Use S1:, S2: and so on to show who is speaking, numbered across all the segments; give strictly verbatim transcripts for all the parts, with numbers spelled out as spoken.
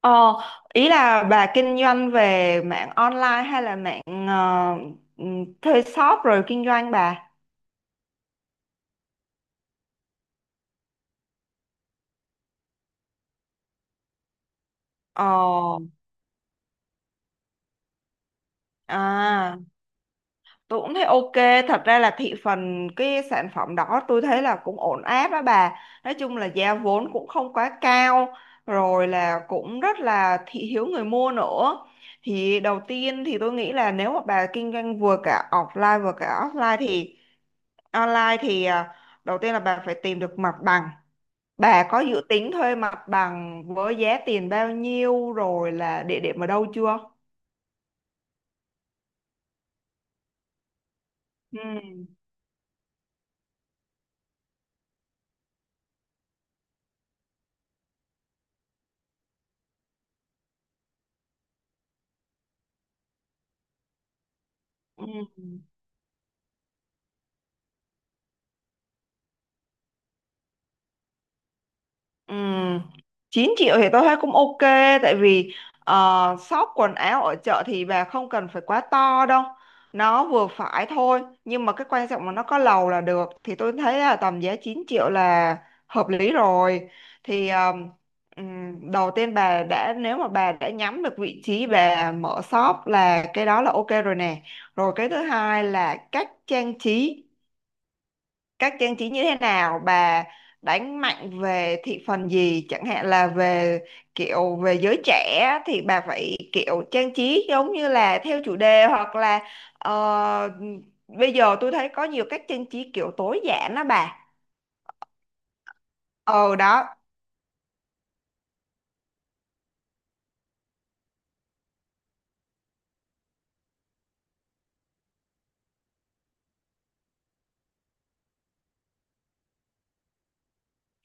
S1: Ờ, ý là bà kinh doanh về mạng online hay là mạng ờ, ừm, thuê shop rồi kinh doanh bà? Ờ, à, tôi cũng thấy ok. Thật ra là thị phần cái sản phẩm đó tôi thấy là cũng ổn áp đó bà. Nói chung là giá vốn cũng không quá cao, rồi là cũng rất là thị hiếu người mua nữa. Thì đầu tiên thì tôi nghĩ là nếu mà bà kinh doanh vừa cả offline vừa cả offline thì online thì à, đầu tiên là bà phải tìm được mặt bằng. Bà có dự tính thuê mặt bằng với giá tiền bao nhiêu rồi là địa điểm ở đâu chưa? Ừ. Ừ. Ừm, chín triệu thì tôi thấy cũng ok, tại vì ờ, shop quần áo ở chợ thì bà không cần phải quá to đâu, nó vừa phải thôi, nhưng mà cái quan trọng là nó có lầu là được, thì tôi thấy là tầm giá chín triệu là hợp lý rồi. Thì ờm, ừm, đầu tiên bà đã nếu mà bà đã nhắm được vị trí bà mở shop là cái đó là ok rồi nè. Rồi cái thứ hai là cách trang trí các trang trí như thế nào bà, đánh mạnh về thị phần gì, chẳng hạn là về kiểu về giới trẻ thì bà phải kiểu trang trí giống như là theo chủ đề, hoặc là ờ, bây giờ tôi thấy có nhiều cách trang trí kiểu tối giản đó bà. ờ Đó.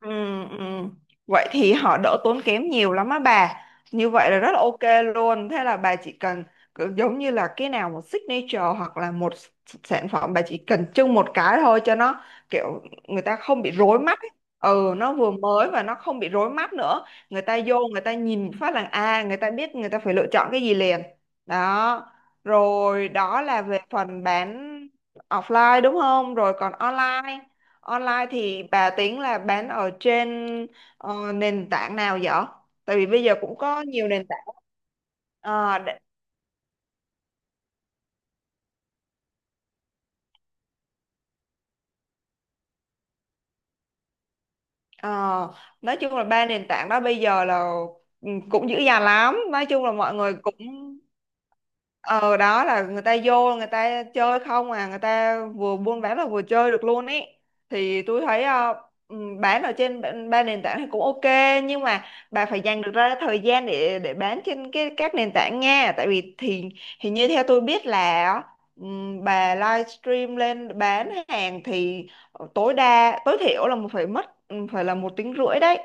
S1: Ừ, ừ. Vậy thì họ đỡ tốn kém nhiều lắm á bà. Như vậy là rất là ok luôn. Thế là bà chỉ cần cứ giống như là cái nào một signature hoặc là một s- sản phẩm, bà chỉ cần trưng một cái thôi cho nó kiểu người ta không bị rối mắt ấy. Ừ, nó vừa mới và nó không bị rối mắt nữa. Người ta vô, người ta nhìn phát là à người ta biết, người ta phải lựa chọn cái gì liền. Đó. Rồi đó là về phần bán offline đúng không? Rồi còn online Online thì bà tính là bán ở trên ờ, nền tảng nào vậy? Tại vì bây giờ cũng có nhiều nền tảng. Ờ, ờ, nói chung là ba nền tảng đó bây giờ là ừ, cũng dữ dằn lắm, nói chung là mọi người cũng ờ đó, là người ta vô người ta chơi không à, người ta vừa buôn bán là vừa chơi được luôn ý. Thì tôi thấy ờ, ừm, bán ở trên ba ba nền tảng thì cũng ok, nhưng mà bà phải dành được ra thời gian để để bán trên cái các nền tảng nha, tại vì thì thì như theo tôi biết là ừm, bà livestream lên bán hàng thì. Ờ, tối đa tối thiểu là phải mất ừ, phải là một tiếng rưỡi đấy.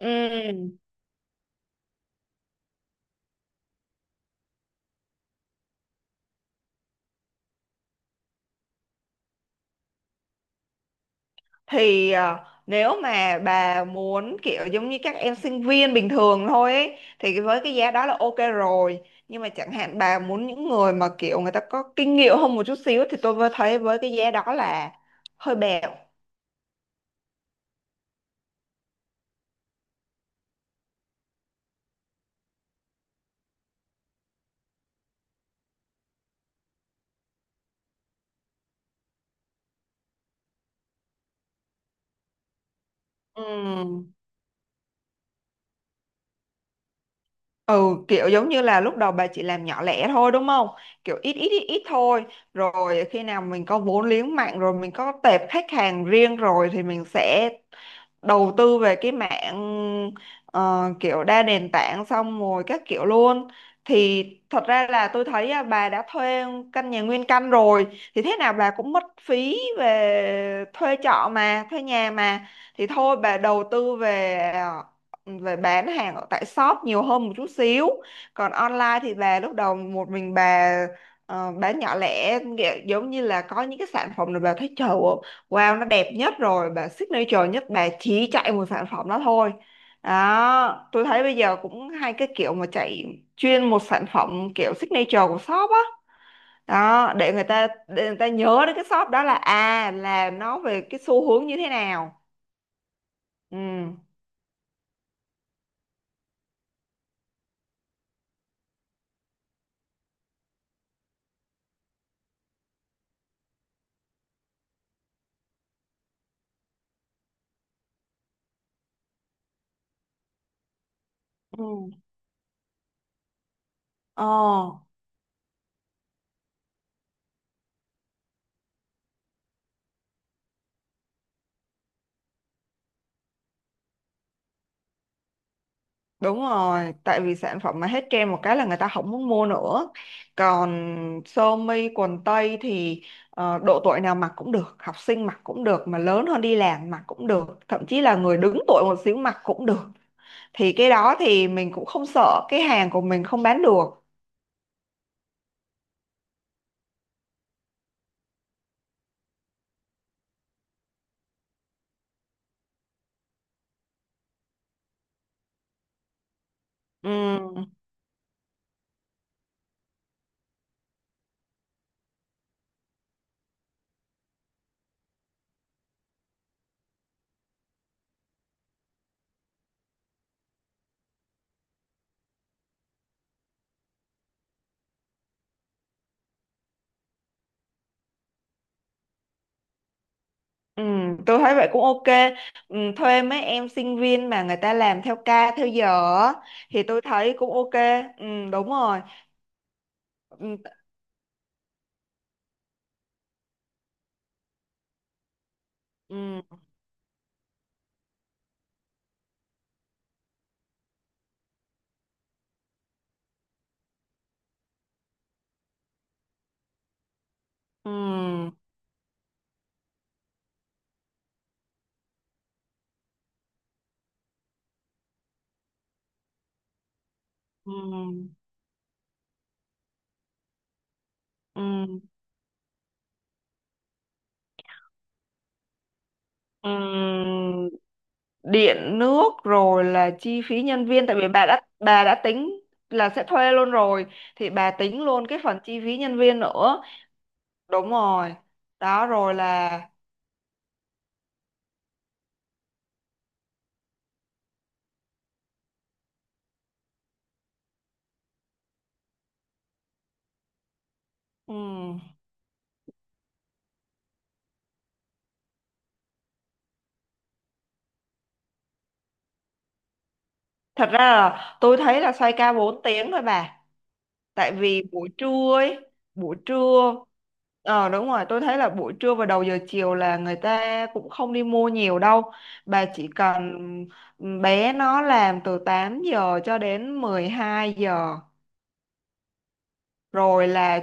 S1: Ừ thì à, nếu mà bà muốn kiểu giống như các em sinh viên bình thường thôi ấy, thì với cái giá đó là ok rồi, nhưng mà chẳng hạn bà muốn những người mà kiểu người ta có kinh nghiệm hơn một chút xíu thì tôi vừa thấy với cái giá đó là hơi bèo. Ừ. Ừ kiểu giống như là lúc đầu bà chỉ làm nhỏ lẻ thôi đúng không? Kiểu ít ít ít ít thôi. Rồi khi nào mình có vốn liếng mạnh rồi, mình có tệp khách hàng riêng rồi, thì mình sẽ đầu tư về cái mạng ờ, kiểu đa nền tảng xong rồi các kiểu luôn. Thì thật ra là tôi thấy à, bà đã thuê căn nhà nguyên căn rồi, thì thế nào bà cũng mất phí về thuê trọ mà, thuê nhà mà, thì thôi bà đầu tư về à, về bán hàng ở tại shop nhiều hơn một chút xíu, còn online thì bà lúc đầu một mình bà ờ, bán nhỏ lẻ, nghĩa- giống như là có những cái sản phẩm là bà thấy trời ơi, wow nó đẹp nhất rồi bà signature nhất, bà chỉ chạy một sản phẩm đó thôi. Đó, tôi thấy bây giờ cũng hay cái kiểu mà chạy chuyên một sản phẩm kiểu signature của shop á. Đó để người ta để người ta nhớ đến cái shop đó là à là nó về cái xu hướng như thế nào. Ừ. Ừ. Ờ. Đúng rồi, tại vì sản phẩm mà hết trend một cái là người ta không muốn mua nữa. Còn sơ mi quần tây thì ờ, độ tuổi nào mặc cũng được, học sinh mặc cũng được, mà lớn hơn đi làm mặc cũng được, thậm chí là người đứng tuổi một xíu mặc cũng được. Thì cái đó thì mình cũng không sợ cái hàng của mình không bán được. Ừm, ừm, tôi thấy vậy cũng ok. Ừm, thuê mấy em sinh viên mà người ta làm theo ca theo giờ á, thì tôi thấy cũng ok. Ừm, đúng rồi. Ừm. ừm, ừm, ừm. Ừm, ừm, điện nước, rồi là chi phí nhân viên, tại vì bà đã bà đã tính là sẽ thuê luôn rồi, thì bà tính luôn cái phần chi phí nhân viên nữa. Đúng rồi đó. Rồi là ừm, thật ra là tôi thấy là xoay ca bốn tiếng thôi bà. Tại vì buổi trưa ấy, buổi trưa ờ đúng rồi, tôi thấy là buổi trưa và đầu giờ chiều là người ta cũng không đi mua nhiều đâu, bà chỉ cần bé nó làm từ tám giờ cho đến mười hai giờ, rồi là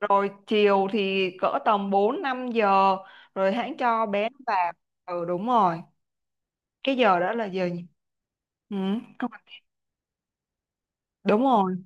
S1: rồi chiều thì cỡ tầm bốn năm giờ rồi hãng cho bé nó vào. Ừ đúng rồi. Cái giờ đó là giờ gì? Ừ, không- phải- đúng rồi.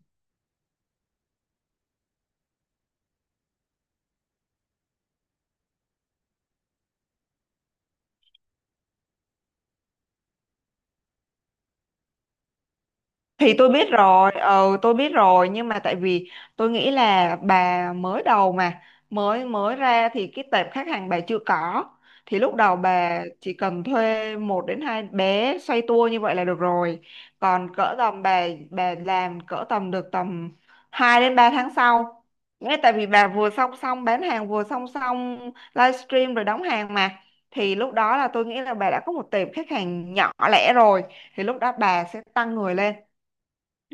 S1: Thì tôi biết rồi, ừ tôi biết rồi, nhưng mà tại vì tôi nghĩ là bà mới đầu mà mới mới ra thì cái tệp khách hàng bà chưa có, thì lúc đầu bà chỉ cần thuê một đến hai bé xoay tua như vậy là được rồi, còn cỡ tầm bà bà làm cỡ tầm được tầm hai đến ba tháng sau, nghe, tại vì bà vừa song song bán hàng vừa song song livestream rồi đóng hàng mà, thì lúc đó là tôi nghĩ là bà đã có một tệp khách hàng nhỏ lẻ rồi, thì lúc đó bà sẽ tăng người lên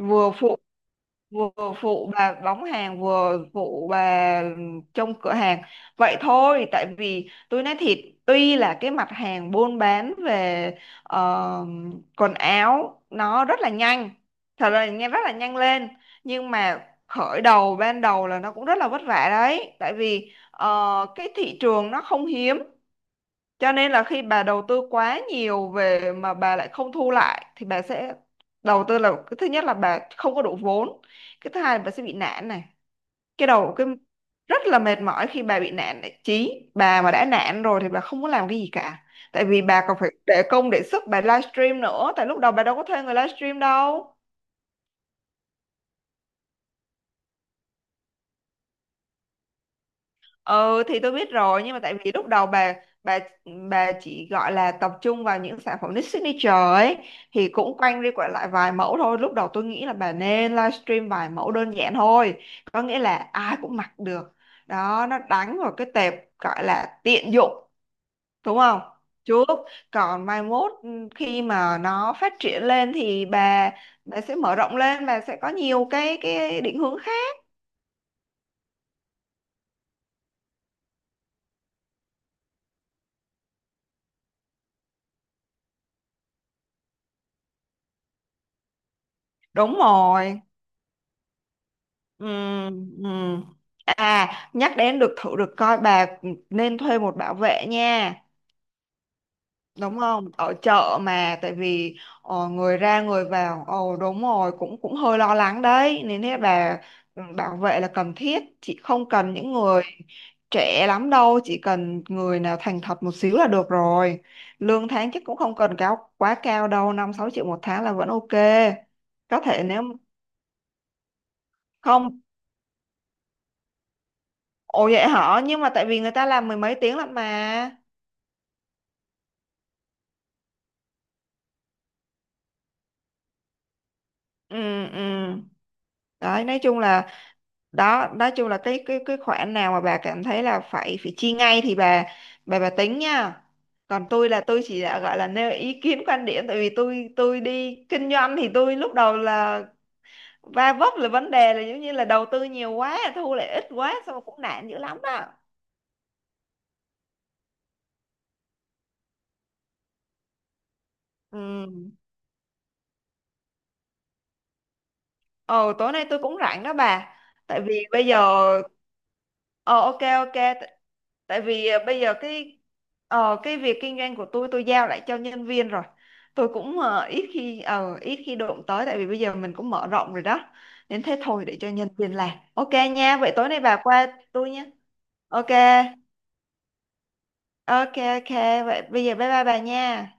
S1: vừa phụ, vừa phụ bà bóng hàng vừa phụ bà trong cửa hàng, vậy thôi. Tại vì tôi nói thiệt, tuy là cái mặt hàng buôn bán về ờ, quần áo nó rất là nhanh, thật là nhanh, rất là nhanh lên, nhưng mà khởi đầu ban đầu là nó cũng rất là vất vả đấy, tại vì ờ, cái thị trường nó không hiếm, cho nên là khi bà đầu tư quá nhiều về mà bà lại không thu lại thì bà sẽ đầu tư, là cái thứ nhất là bà không có đủ vốn, cái thứ hai là bà sẽ bị nản này. Cái đầu cái rất là mệt mỏi khi bà bị nản này. Chí bà mà đã nản rồi thì bà không muốn làm cái gì cả. Tại vì bà còn phải để công để sức bà livestream nữa, tại lúc đầu bà đâu có thuê người livestream đâu. Ừ thì tôi biết rồi, nhưng mà tại vì lúc đầu bà bà bà chỉ gọi là tập trung vào những sản phẩm niche signature ấy thì cũng quanh đi quẩn lại vài mẫu thôi. Lúc đầu tôi nghĩ là bà nên livestream vài mẫu đơn giản thôi. Có nghĩa là ai cũng mặc được. Đó, nó đánh vào cái tệp gọi là tiện dụng, đúng không? Trước còn mai mốt ừ, khi mà nó phát triển lên thì bà bà sẽ mở rộng lên, bà sẽ có nhiều cái cái định hướng khác. Đúng rồi. Ừ, ừ. À, nhắc đến được thử được coi, bà nên thuê một bảo vệ nha. Đúng không? Ở chợ mà, tại vì ờ, người ra người vào. Ồ đúng rồi, cũng cũng hơi lo lắng đấy. Nên thế bà ừ, bảo vệ là cần thiết, chị không cần những người trẻ lắm đâu, chỉ cần người nào thành thật một xíu là được rồi. Lương tháng chắc cũng không cần cao quá cao đâu, năm sáu triệu một tháng là vẫn ok. Có thể nếu không. Ồ vậy hả? Nhưng mà tại vì người ta làm mười mấy tiếng lận mà. Ừ. Ừ. Đấy nói chung là đó, nói chung là cái cái cái khoản nào mà bà cảm thấy là phải phải chi ngay thì bà bà bà tính nha, còn tôi là tôi chỉ là gọi là nêu ý kiến quan điểm, tại vì tôi tôi đi kinh doanh thì tôi lúc đầu là va vấp là vấn đề là giống như là đầu tư nhiều quá thu lại ít quá xong rồi cũng nản dữ lắm đó. Ừ. Ồ, tối nay tôi cũng rảnh đó bà. Tại vì bây giờ ờ ok ok T- tại vì ờ, bây giờ cái ờ cái việc kinh doanh của tôi tôi giao lại cho nhân viên rồi. Tôi cũng ờ, ít khi ờ ít khi đụng tới, tại vì bây giờ mình cũng mở rộng rồi đó. Nên thế thôi, để cho nhân viên làm. Ok nha, vậy tối nay bà qua tôi nha. Ok. Ok ok, vậy bây giờ bye bye bà nha.